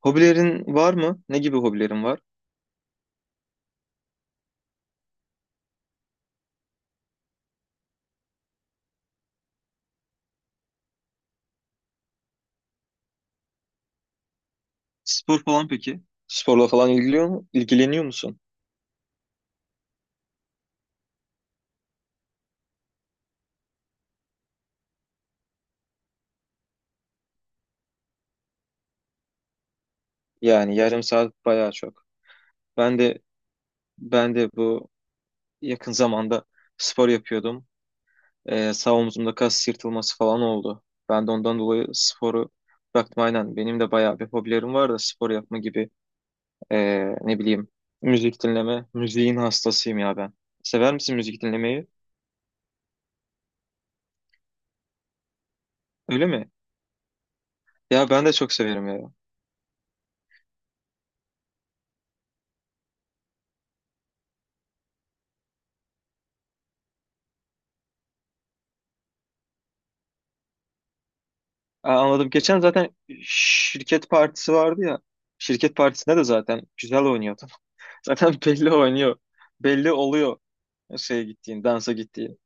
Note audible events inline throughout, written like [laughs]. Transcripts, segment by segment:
Hobilerin var mı? Ne gibi hobilerin var? Spor falan peki? Sporla falan ilgiliyor mu? İlgileniyor musun? Yani yarım saat bayağı çok. Ben de ben de bu yakın zamanda spor yapıyordum. Sağ omzumda kas yırtılması falan oldu. Ben de ondan dolayı sporu bıraktım aynen. Benim de bayağı bir hobilerim var da spor yapma gibi, ne bileyim, müzik dinleme. Müziğin hastasıyım ya ben. Sever misin müzik dinlemeyi? Öyle mi? Ya ben de çok severim ya. Aa, anladım. Geçen zaten şirket partisi vardı ya. Şirket partisinde de zaten güzel oynuyordu. [laughs] Zaten belli oynuyor. Belli oluyor şeye gittiğin, dansa gittiğin.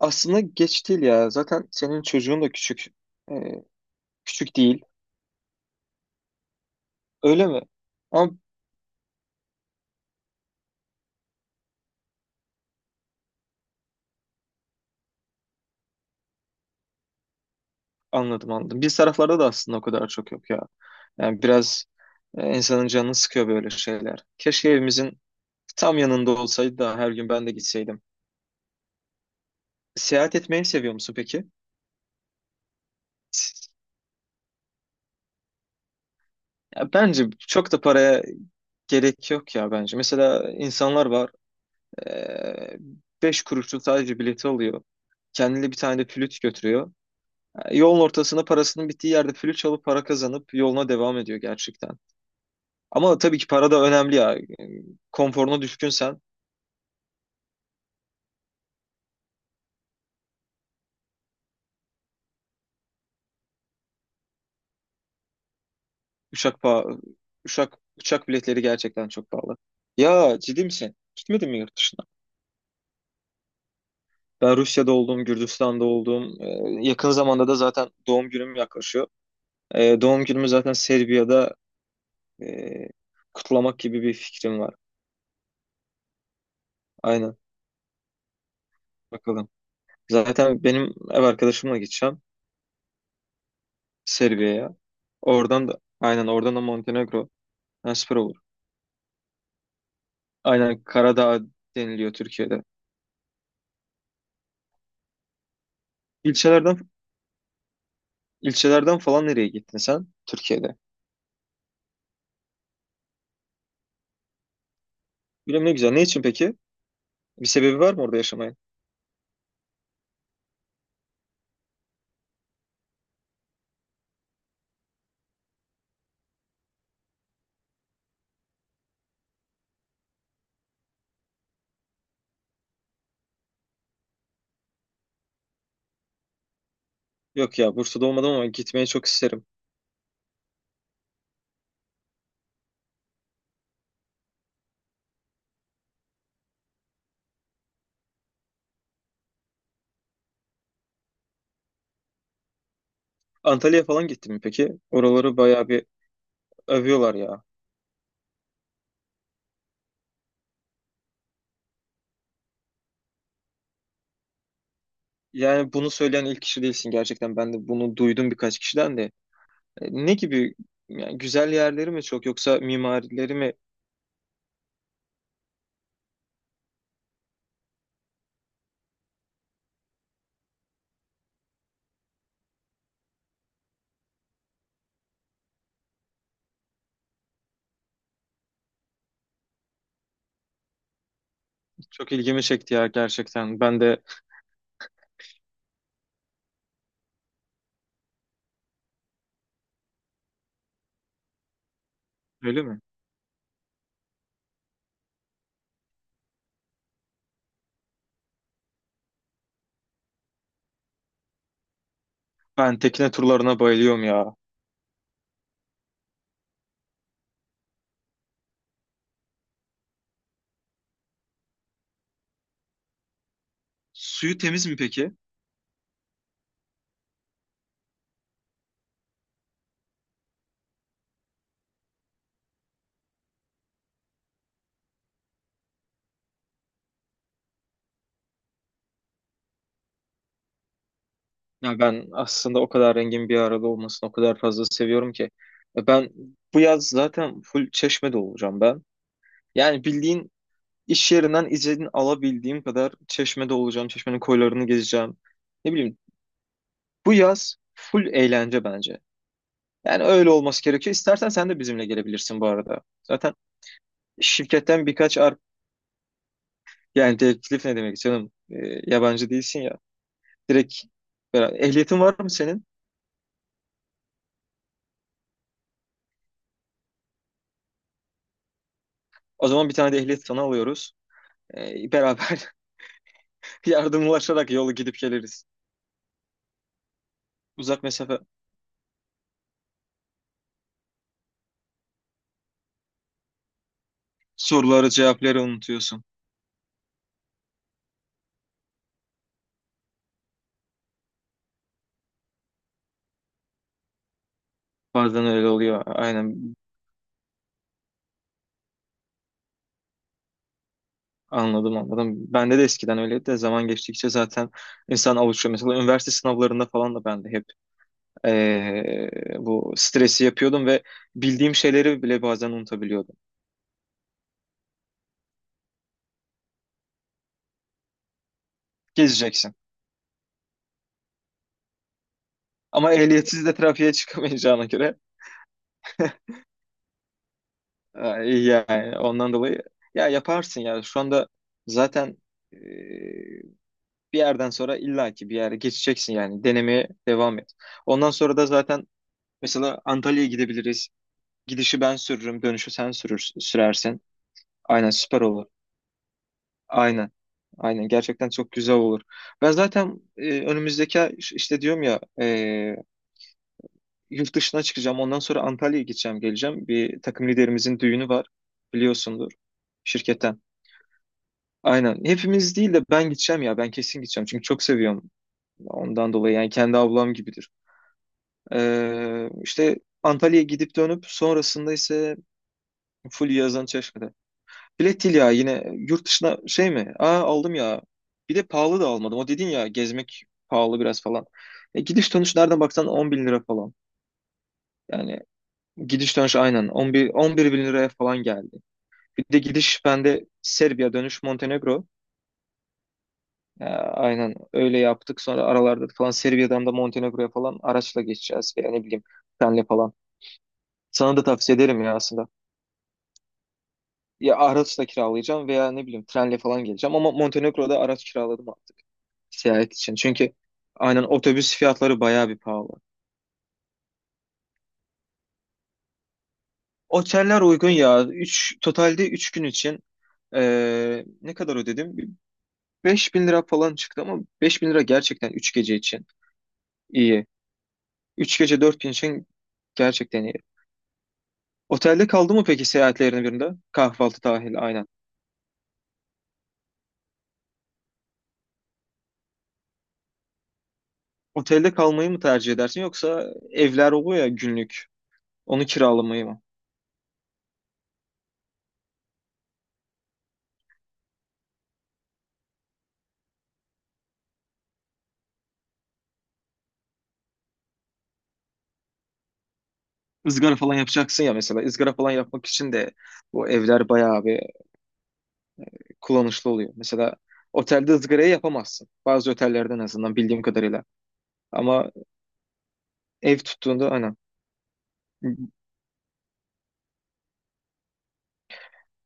Aslında geç değil ya. Zaten senin çocuğun da küçük. Ee, Küçük değil. Öyle mi? Ama anladım, anladım. Biz taraflarda da aslında o kadar çok yok ya. Yani biraz, insanın canını sıkıyor böyle şeyler. Keşke evimizin tam yanında olsaydı da her gün ben de gitseydim. Seyahat etmeyi seviyor musun peki? Ya bence çok da paraya gerek yok ya bence. Mesela insanlar var. eee Beş kuruşluk sadece bileti alıyor. Kendine bir tane de flüt götürüyor. Yani yolun ortasına, parasının bittiği yerde flüt çalıp para kazanıp yoluna devam ediyor gerçekten. Ama tabii ki para da önemli ya. Konforuna düşkünsen, uçak pa- uçak uçak biletleri gerçekten çok pahalı. Ya ciddi misin? Gitmedin mi yurt dışına? Ben Rusya'da oldum, Gürcistan'da oldum. Yakın zamanda da zaten doğum günüm yaklaşıyor. Doğum günümü zaten Serbia'da e, kutlamak gibi bir fikrim var. Aynen. Bakalım. Zaten benim ev arkadaşımla gideceğim Serbia'ya. Oradan da aynen, oradan da Montenegro. Ha, süper olur. Aynen Karadağ deniliyor Türkiye'de. İlçelerden ilçelerden falan nereye gittin sen Türkiye'de? Bilmem, ne güzel. Ne için peki? Bir sebebi var mı orada yaşamayın? Yok ya, Bursa'da olmadım ama gitmeyi çok isterim. Antalya'ya falan gittin mi peki? Oraları bayağı bir övüyorlar ya. Yani bunu söyleyen ilk kişi değilsin gerçekten. Ben de bunu duydum birkaç kişiden de. Ne gibi, yani güzel yerleri mi çok yoksa mimarileri mi? Çok ilgimi çekti ya gerçekten. Ben de, öyle mi? Ben tekne turlarına bayılıyorum ya. Suyu temiz mi peki? Ya ben aslında o kadar rengin bir arada olmasını o kadar fazla seviyorum ki. Ben bu yaz zaten full Çeşme'de olacağım ben. Yani bildiğin, iş yerinden izin alabildiğim kadar Çeşme'de olacağım. Çeşme'nin koylarını gezeceğim. Ne bileyim, bu yaz full eğlence bence. Yani öyle olması gerekiyor. İstersen sen de bizimle gelebilirsin bu arada. Zaten şirketten birkaç, yani teklif ne demek canım? Yabancı değilsin ya, direkt beraber. Ehliyetin var mı senin? O zaman bir tane de ehliyet sana alıyoruz. Beraber [laughs] yardımlaşarak yolu gidip geliriz. Uzak mesafe, soruları cevapları unutuyorsun. Bazen öyle oluyor. Aynen, anladım anladım. Bende de eskiden öyleydi de zaman geçtikçe zaten insan alışıyor. Mesela üniversite sınavlarında falan da ben de hep, ee, bu stresi yapıyordum ve bildiğim şeyleri bile bazen unutabiliyordum. Gezeceksin. Ama ehliyetsiz de trafiğe çıkamayacağına göre, iyi yani ondan dolayı ya yaparsın ya şu anda zaten, e, bir yerden sonra illaki bir yere geçeceksin, yani denemeye devam et. Ondan sonra da zaten mesela Antalya'ya gidebiliriz. Gidişi ben sürürüm, dönüşü sen sürersin. Aynen süper olur. Aynen. Aynen gerçekten çok güzel olur. Ben zaten, önümüzdeki ay, işte diyorum ya, yurt dışına çıkacağım. Ondan sonra Antalya'ya gideceğim, geleceğim. Bir takım liderimizin düğünü var. Biliyorsundur, şirketten. Aynen. Hepimiz değil de ben gideceğim ya. Ben kesin gideceğim. Çünkü çok seviyorum. Ondan dolayı yani, kendi ablam gibidir. İşte Antalya'ya gidip dönüp sonrasında ise full yazan Çeşme'de. Bilet değil ya, yine yurt dışına şey mi? Aa, aldım ya. Bir de pahalı da almadım. O dedin ya, gezmek pahalı biraz falan. Gidiş dönüş nereden baksan 10 bin lira falan. Yani gidiş dönüş aynen, 11 bin liraya falan geldi. Bir de gidiş bende Serbiya, dönüş Montenegro. Aynen öyle yaptık. Sonra aralarda falan Serbia'dan da Montenegro'ya falan araçla geçeceğiz veya ne bileyim, trenle falan. Sana da tavsiye ederim ya aslında. Ya araçla kiralayacağım veya ne bileyim, trenle falan geleceğim, ama Montenegro'da araç kiraladım artık seyahat için. Çünkü aynen otobüs fiyatları bayağı bir pahalı. Oteller uygun ya. Üç totalde, 3 gün için, ne kadar ödedim? Beş bin lira falan çıktı, ama 5000 lira gerçekten 3 gece için iyi. Üç gece dört gün için gerçekten iyi. Otelde kaldı mı peki seyahatlerin birinde? Kahvaltı dahil aynen. Otelde kalmayı mı tercih edersin, yoksa evler oluyor ya günlük. Onu kiralamayı mı? Izgara falan yapacaksın ya mesela. Izgara falan yapmak için de bu evler bayağı bir kullanışlı oluyor. Mesela otelde ızgarayı yapamazsın. Bazı otellerde, en azından bildiğim kadarıyla. Ama ev tuttuğunda aynen.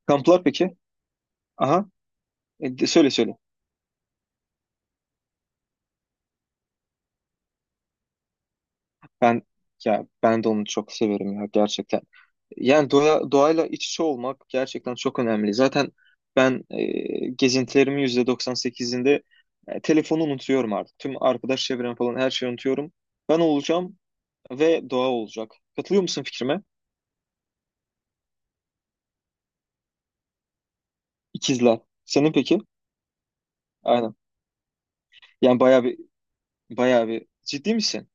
Kamplar peki? Aha. Söyle söyle. Ben ya ben de onu çok severim ya gerçekten. Yani doğa, doğayla iç içe olmak gerçekten çok önemli. Zaten ben, gezintilerimin %98'inde, telefonu unutuyorum artık. Tüm arkadaş çevrem falan, her şeyi unutuyorum. Ben olacağım ve doğa olacak. Katılıyor musun fikrime? İkizler. Senin peki? Aynen. Yani bayağı bir ciddi misin?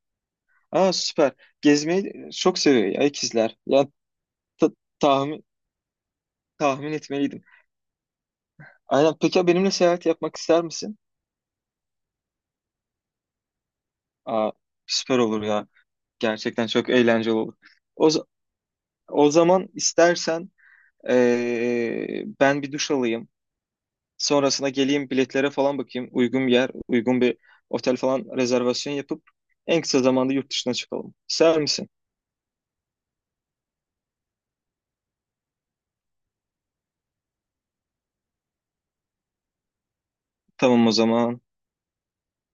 Aa, süper. Gezmeyi çok seviyor ya ikizler. Yani ta- tahmin tahmin etmeliydim. Aynen. Peki ya benimle seyahat yapmak ister misin? Aa, süper olur ya. Gerçekten çok eğlenceli olur. O, z- o zaman istersen, ben bir duş alayım. Sonrasında geleyim, biletlere falan bakayım. Uygun bir yer, uygun bir otel falan rezervasyon yapıp en kısa zamanda yurt dışına çıkalım. İster misin? Tamam o zaman.